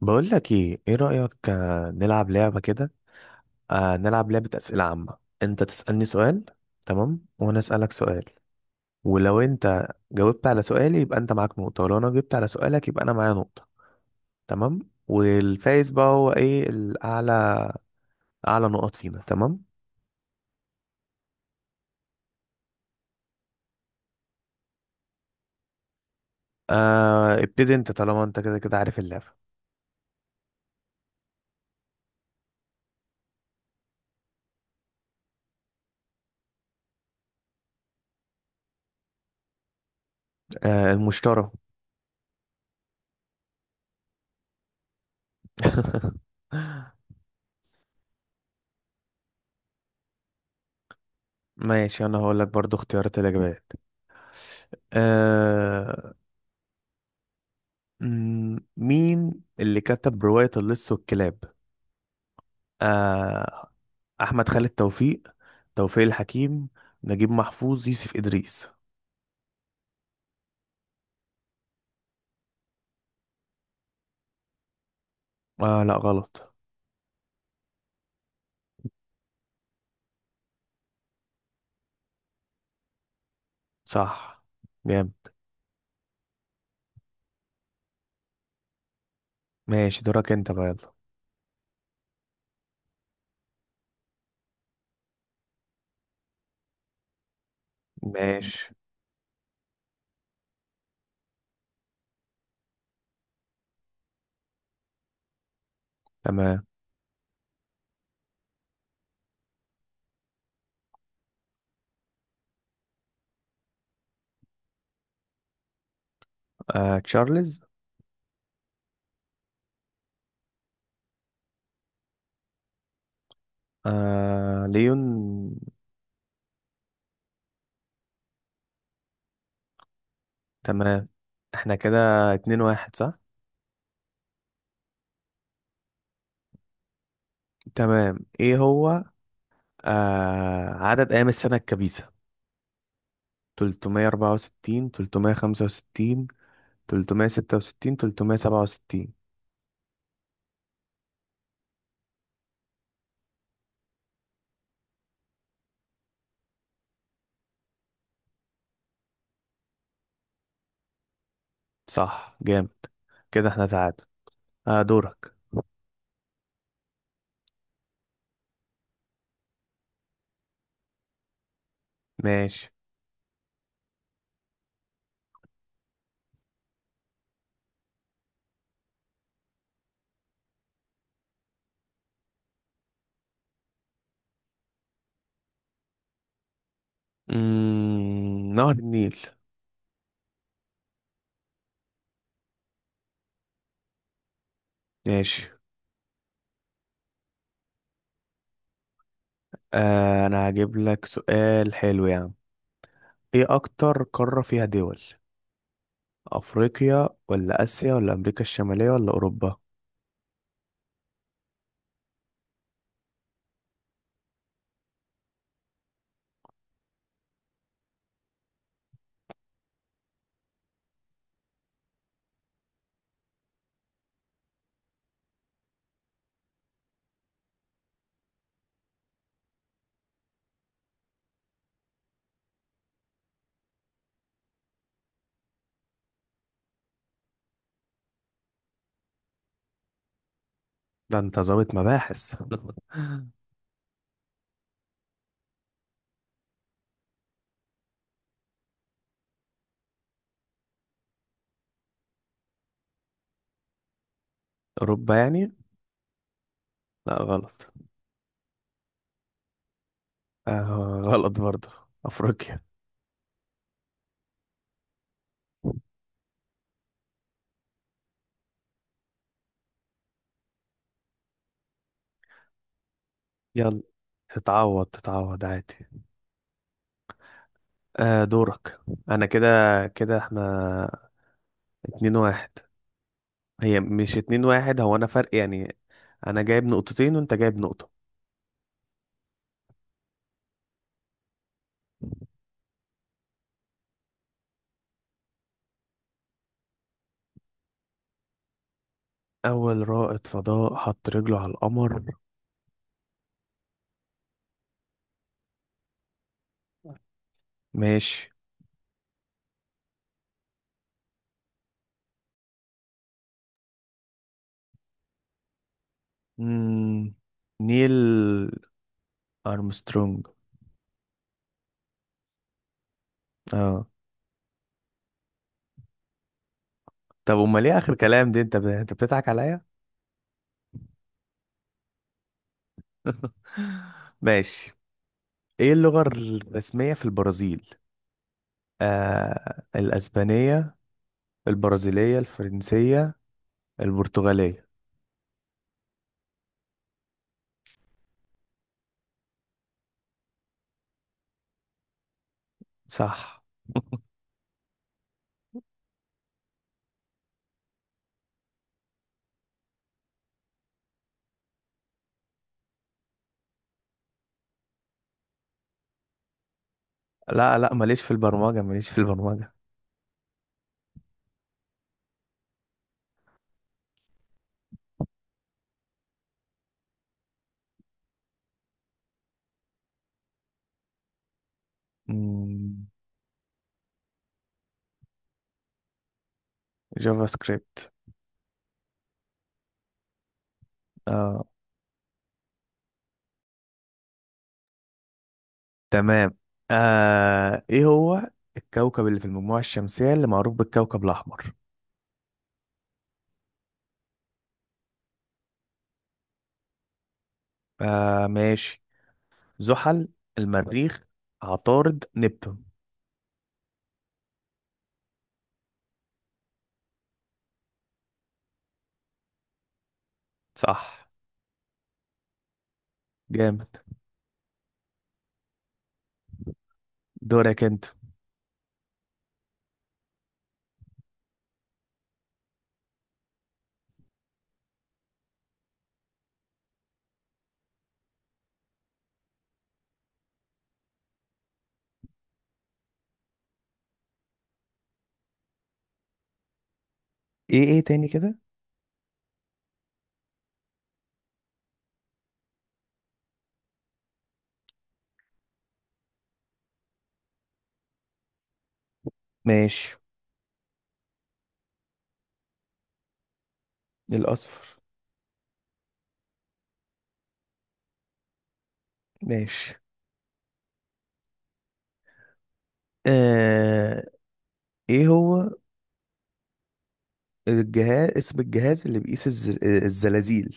بقول لك ايه رأيك، نلعب لعبة كده. نلعب لعبة أسئلة عامة. انت تسألني سؤال، تمام، وانا أسألك سؤال. ولو انت جاوبت على سؤالي يبقى انت معاك نقطة، ولو انا جبت على سؤالك يبقى انا معايا نقطة. تمام. والفايز بقى هو ايه؟ اعلى نقط فينا. تمام. ابتدي انت، طالما انت كده كده عارف اللعبة. المشترى. ماشي، انا هقول لك برضو اختيارات الاجابات. آه، مين اللي كتب رواية اللص والكلاب؟ آه، أحمد خالد توفيق، توفيق الحكيم، نجيب محفوظ، يوسف إدريس. لا، غلط. صح، جامد. ماشي، دورك أنت بقى، يلا. ماشي. تمام. تشارلز. ليون. تمام. احنا كده اتنين واحد، صح؟ تمام، ايه هو عدد أيام السنة الكبيسة؟ 364، 365، 366، 367؟ صح، جامد. كده احنا تعادل. دورك. ماشي. نهر النيل. ماشي. انا هجيب لك سؤال حلو يعني. ايه اكتر قارة فيها دول؟ افريقيا، ولا اسيا، ولا امريكا الشمالية، ولا اوروبا؟ ده انت ظابط مباحث! اوروبا، يعني؟ لا، غلط. غلط برضه. افريقيا. يلا، تتعوض تتعوض عادي. دورك. انا كده. كده احنا اتنين واحد. هي مش اتنين واحد، هو انا فرق يعني. انا جايب نقطتين وانت جايب نقطة. اول رائد فضاء حط رجله على القمر؟ ماشي. مم. نيل ارمسترونج. اه. طب امال ايه اخر كلام دي؟ انت بتضحك عليا. ماشي. ايه اللغة الرسمية في البرازيل؟ الاسبانية، البرازيلية، الفرنسية، البرتغالية. صح. لا لا، ماليش في البرمجة. مم، جافا سكريبت. اه. تمام. ايه هو الكوكب اللي في المجموعة الشمسية اللي معروف بالكوكب الأحمر؟ ماشي. زحل، المريخ، عطارد، نبتون. صح، جامد. دورك انت. ايه تاني كده؟ ماشي. الأصفر. ماشي. آه ايه هو الجهاز، اسم الجهاز اللي بيقيس الزلازل؟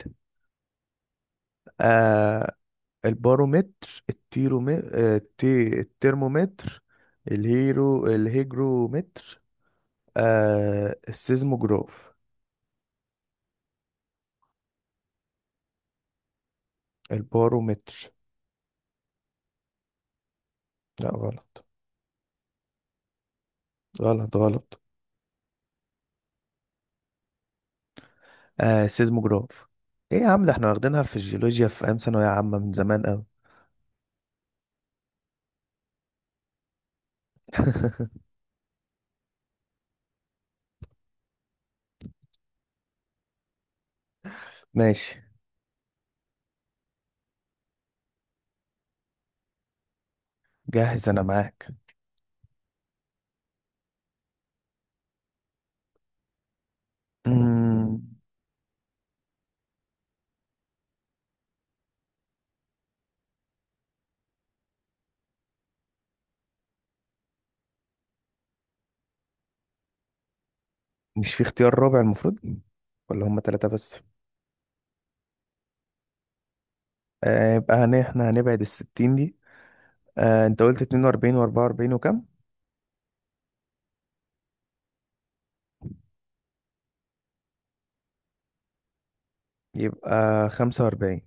آه البارومتر، التيرومتر، الترمومتر، الهيجرومتر، السيزموجراف. البارومتر؟ لا، غلط غلط غلط. السيزموجراف. ايه يا عم؟ ده احنا واخدينها في الجيولوجيا في ايام ثانوية عامة من زمان قوي. ماشي. جاهز انا معاك. مم، مش في اختيار رابع المفروض؟ ولا هما ثلاثة بس؟ يبقى احنا هنبعد الستين دي. انت قلت 42، و44، وكم؟ يبقى 45.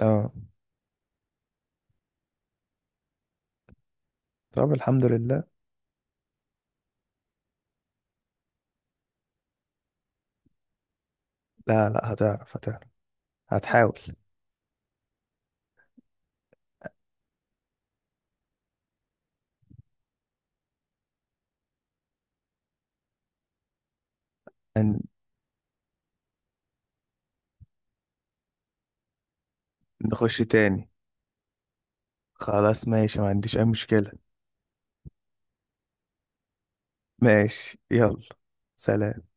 اه. طب الحمد لله. لا لا، هتعرف هتعرف، هتحاول. هن- نخش تاني. خلاص ماشي، ما عنديش اي مشكلة. ماشي يلا. سلام.